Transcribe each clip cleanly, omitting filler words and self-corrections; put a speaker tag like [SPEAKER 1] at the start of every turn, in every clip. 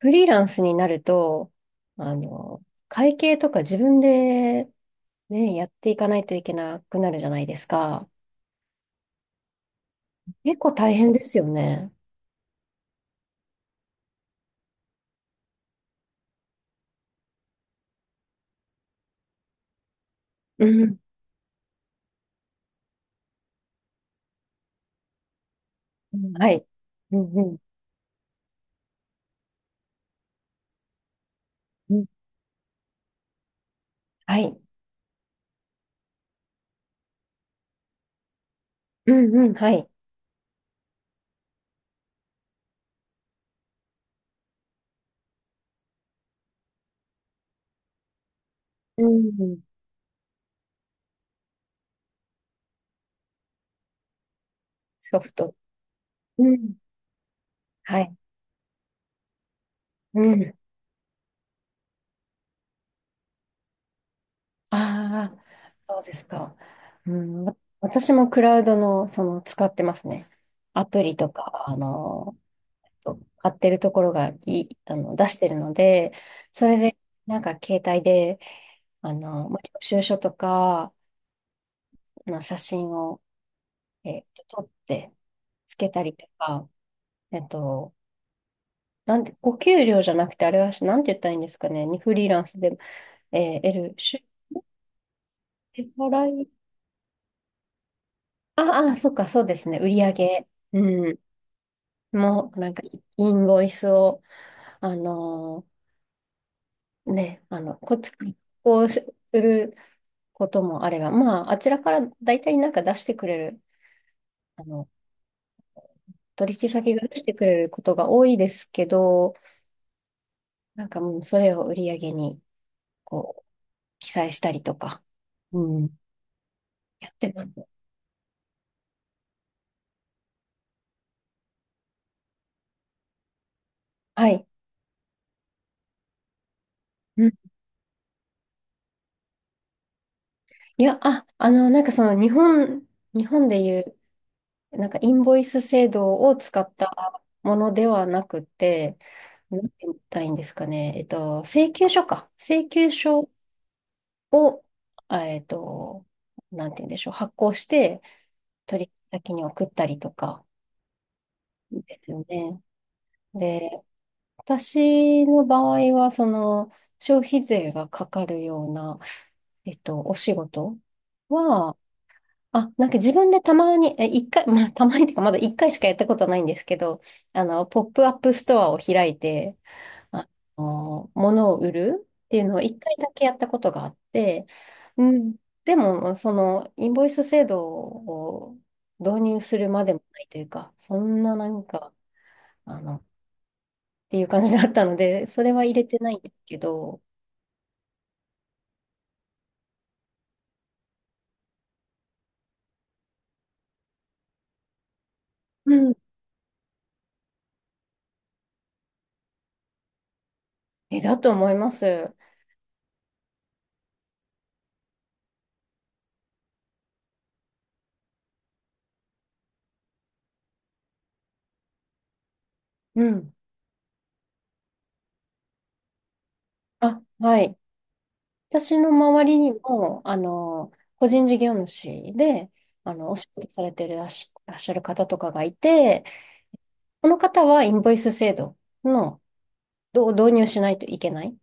[SPEAKER 1] フリーランスになると、会計とか自分でね、やっていかないといけなくなるじゃないですか。結構大変ですよね。うん、うん、はい。うんうん。うん、はい。うん、うん、はい。うん、ソフト。うん、はい。うん。ああ、そうですか。うん、私もクラウドの、使ってますね。アプリとか、買ってるところがいい、出してるので、それで、なんか携帯で、まあ領収書とかの写真を、えー撮って、つけたりとか、えっと、なんて、お給料じゃなくて、あれは、なんて言ったらいいんですかね、にフリーランスで、得る、出払い、ああ、そっか、そうですね、売り上げ、うん、もう、なんか、インボイスを、あのね、こっち、からこうすることもあれば、まあ、あちらから大体なんか出してくれる、あの、取引先が出してくれることが多いですけど、なんかもうそれを売り上げに、こう、記載したりとか、うん、やってます。はい。うん、いや、あ、なんか日本でいう、なんかインボイス制度を使ったものではなくて、なんて言ったらいいんですかね、請求書か。請求書を、あえっと、なんて言うんでしょう、発行して、取引先に送ったりとかですよね。で、私の場合は、消費税がかかるような、お仕事は、あ、なんか自分でたまに、一回、まあ、たまにっていうか、まだ一回しかやったことないんですけど、ポップアップストアを開いて、あ物を売るっていうのを一回だけやったことがあって、うん、でも、インボイス制度を導入するまでもないというか、そんななんか、っていう感じだったので、それは入れてないんですけど、うん。だと思います。うん。あ、はい。私の周りにも、個人事業主で、お仕事されてるらっしゃる方とかがいて、この方はインボイス制度の導入しないといけない、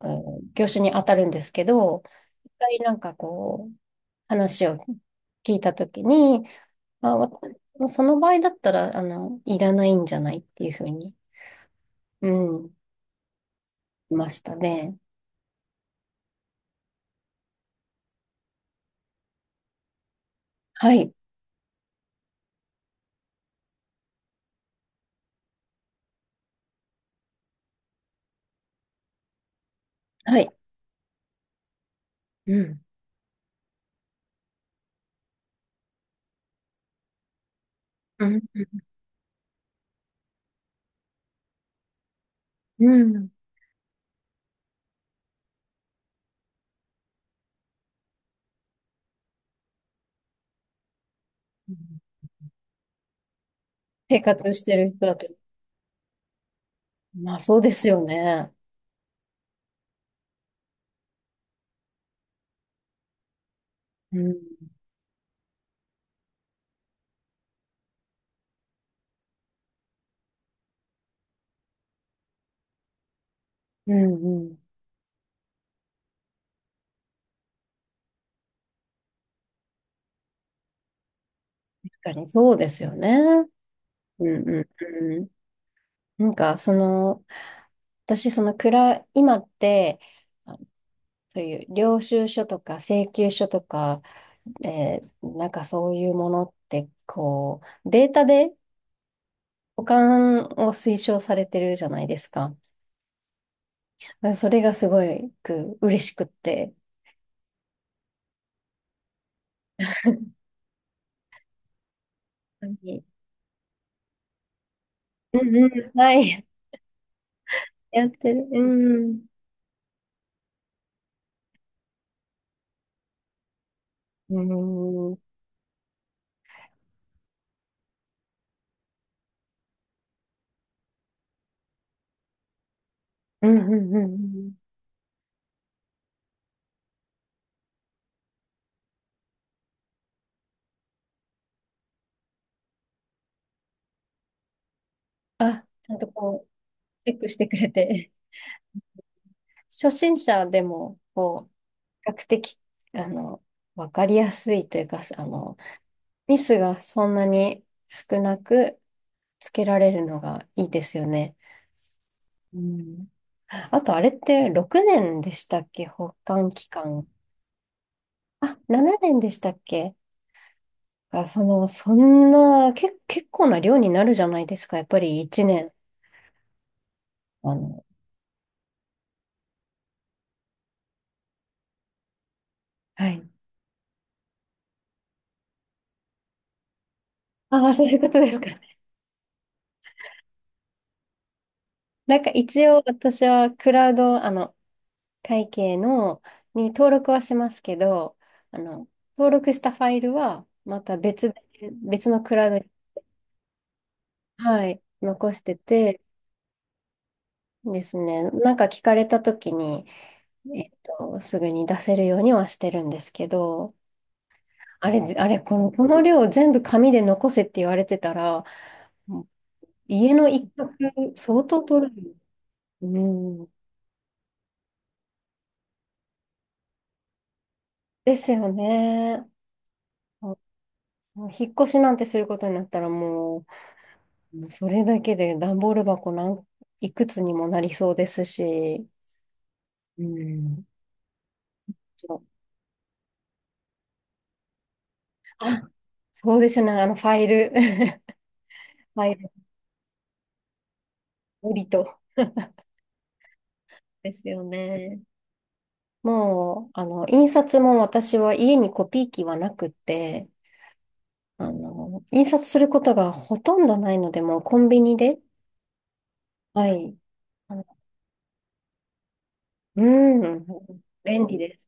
[SPEAKER 1] うん、業種に当たるんですけど、一回なんか話を聞いたときに、まあ、その場合だったら、いらないんじゃないっていうふうに、うん、いましたね。はい、はい。うん、うん、うん。うん、生活してる人だと、まあそうですよね。うん、うん、うん。確かにそうですよね。うん、うん、うん。なんか、私、暗い、今って、そういう領収書とか請求書とか、なんかそういうものって、データで保管を推奨されてるじゃないですか。それがすごく嬉しくって。本当に、うんうん、はい。やってる。うん。うん。うんうんうんうん。あ、ちゃんとチェックしてくれて。初心者でも、比較的、あの、わかりやすいというか、ミスがそんなに少なくつけられるのがいいですよね。うん。あとあれって6年でしたっけ、保管期間。あ、7年でしたっけ？あ、そんな、結構な量になるじゃないですか。やっぱり1年。あの、はい。ああ、そういうことですか。なんか一応私はクラウド、会計の、に登録はしますけど、あの、登録したファイルはまた別で、別のクラウドに、はい、残しててですね、なんか聞かれた時に、すぐに出せるようにはしてるんですけど、あれ、あれ、この量全部紙で残せって言われてたら、もう家の一角相当取る。うん。ですよね。ももう引っ越しなんてすることになったらもうそれだけで段ボール箱いくつにもなりそうですし、うん。あ、そうですね、あのファイル、ファイル、無りと。ですよね。もう、印刷も私は家にコピー機はなくて、印刷することがほとんどないので、もうコンビニで、はい。あの、うん、便利です。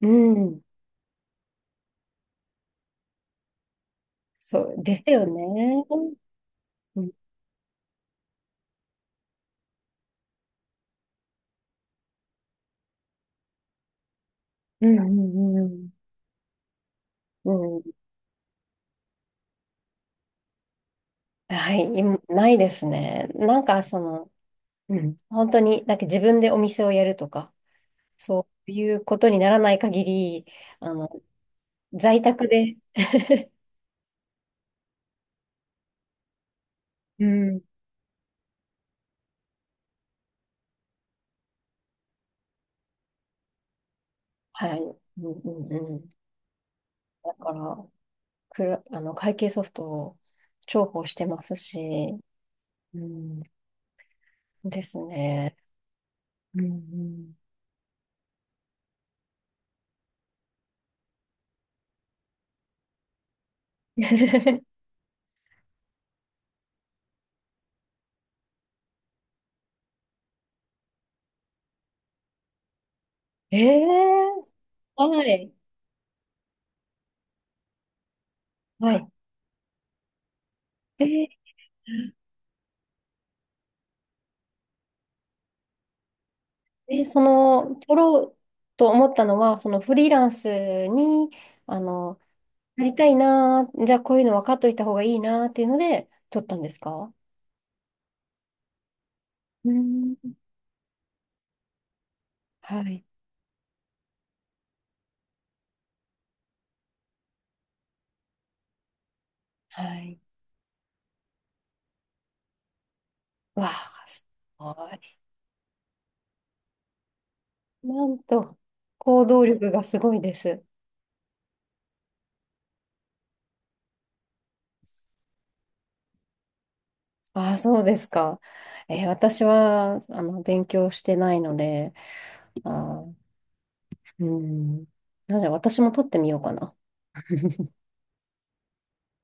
[SPEAKER 1] うん、そう、ですよね。うん、うん、うん、うんうん、はい、今ないですね。なんか、うん、本当に、なんか自分でお店をやるとか、そういうことにならない限り、あの、在宅で、うん、はい。うんうんうん。だから、会計ソフトを重宝してますし、うん、ですね。うんうん、えー、はい。はい。えー取ろうと思ったのは、そのフリーランスに、あの、なりたいなー、じゃあこういうの分かっといた方がいいなーっていうので、取ったんですか？うん。はい。はい。わあ、すごい。なんと、行動力がすごいです。ああ、そうですか。私は、勉強してないので、あー、うん。なんじゃ、私も取ってみようかな。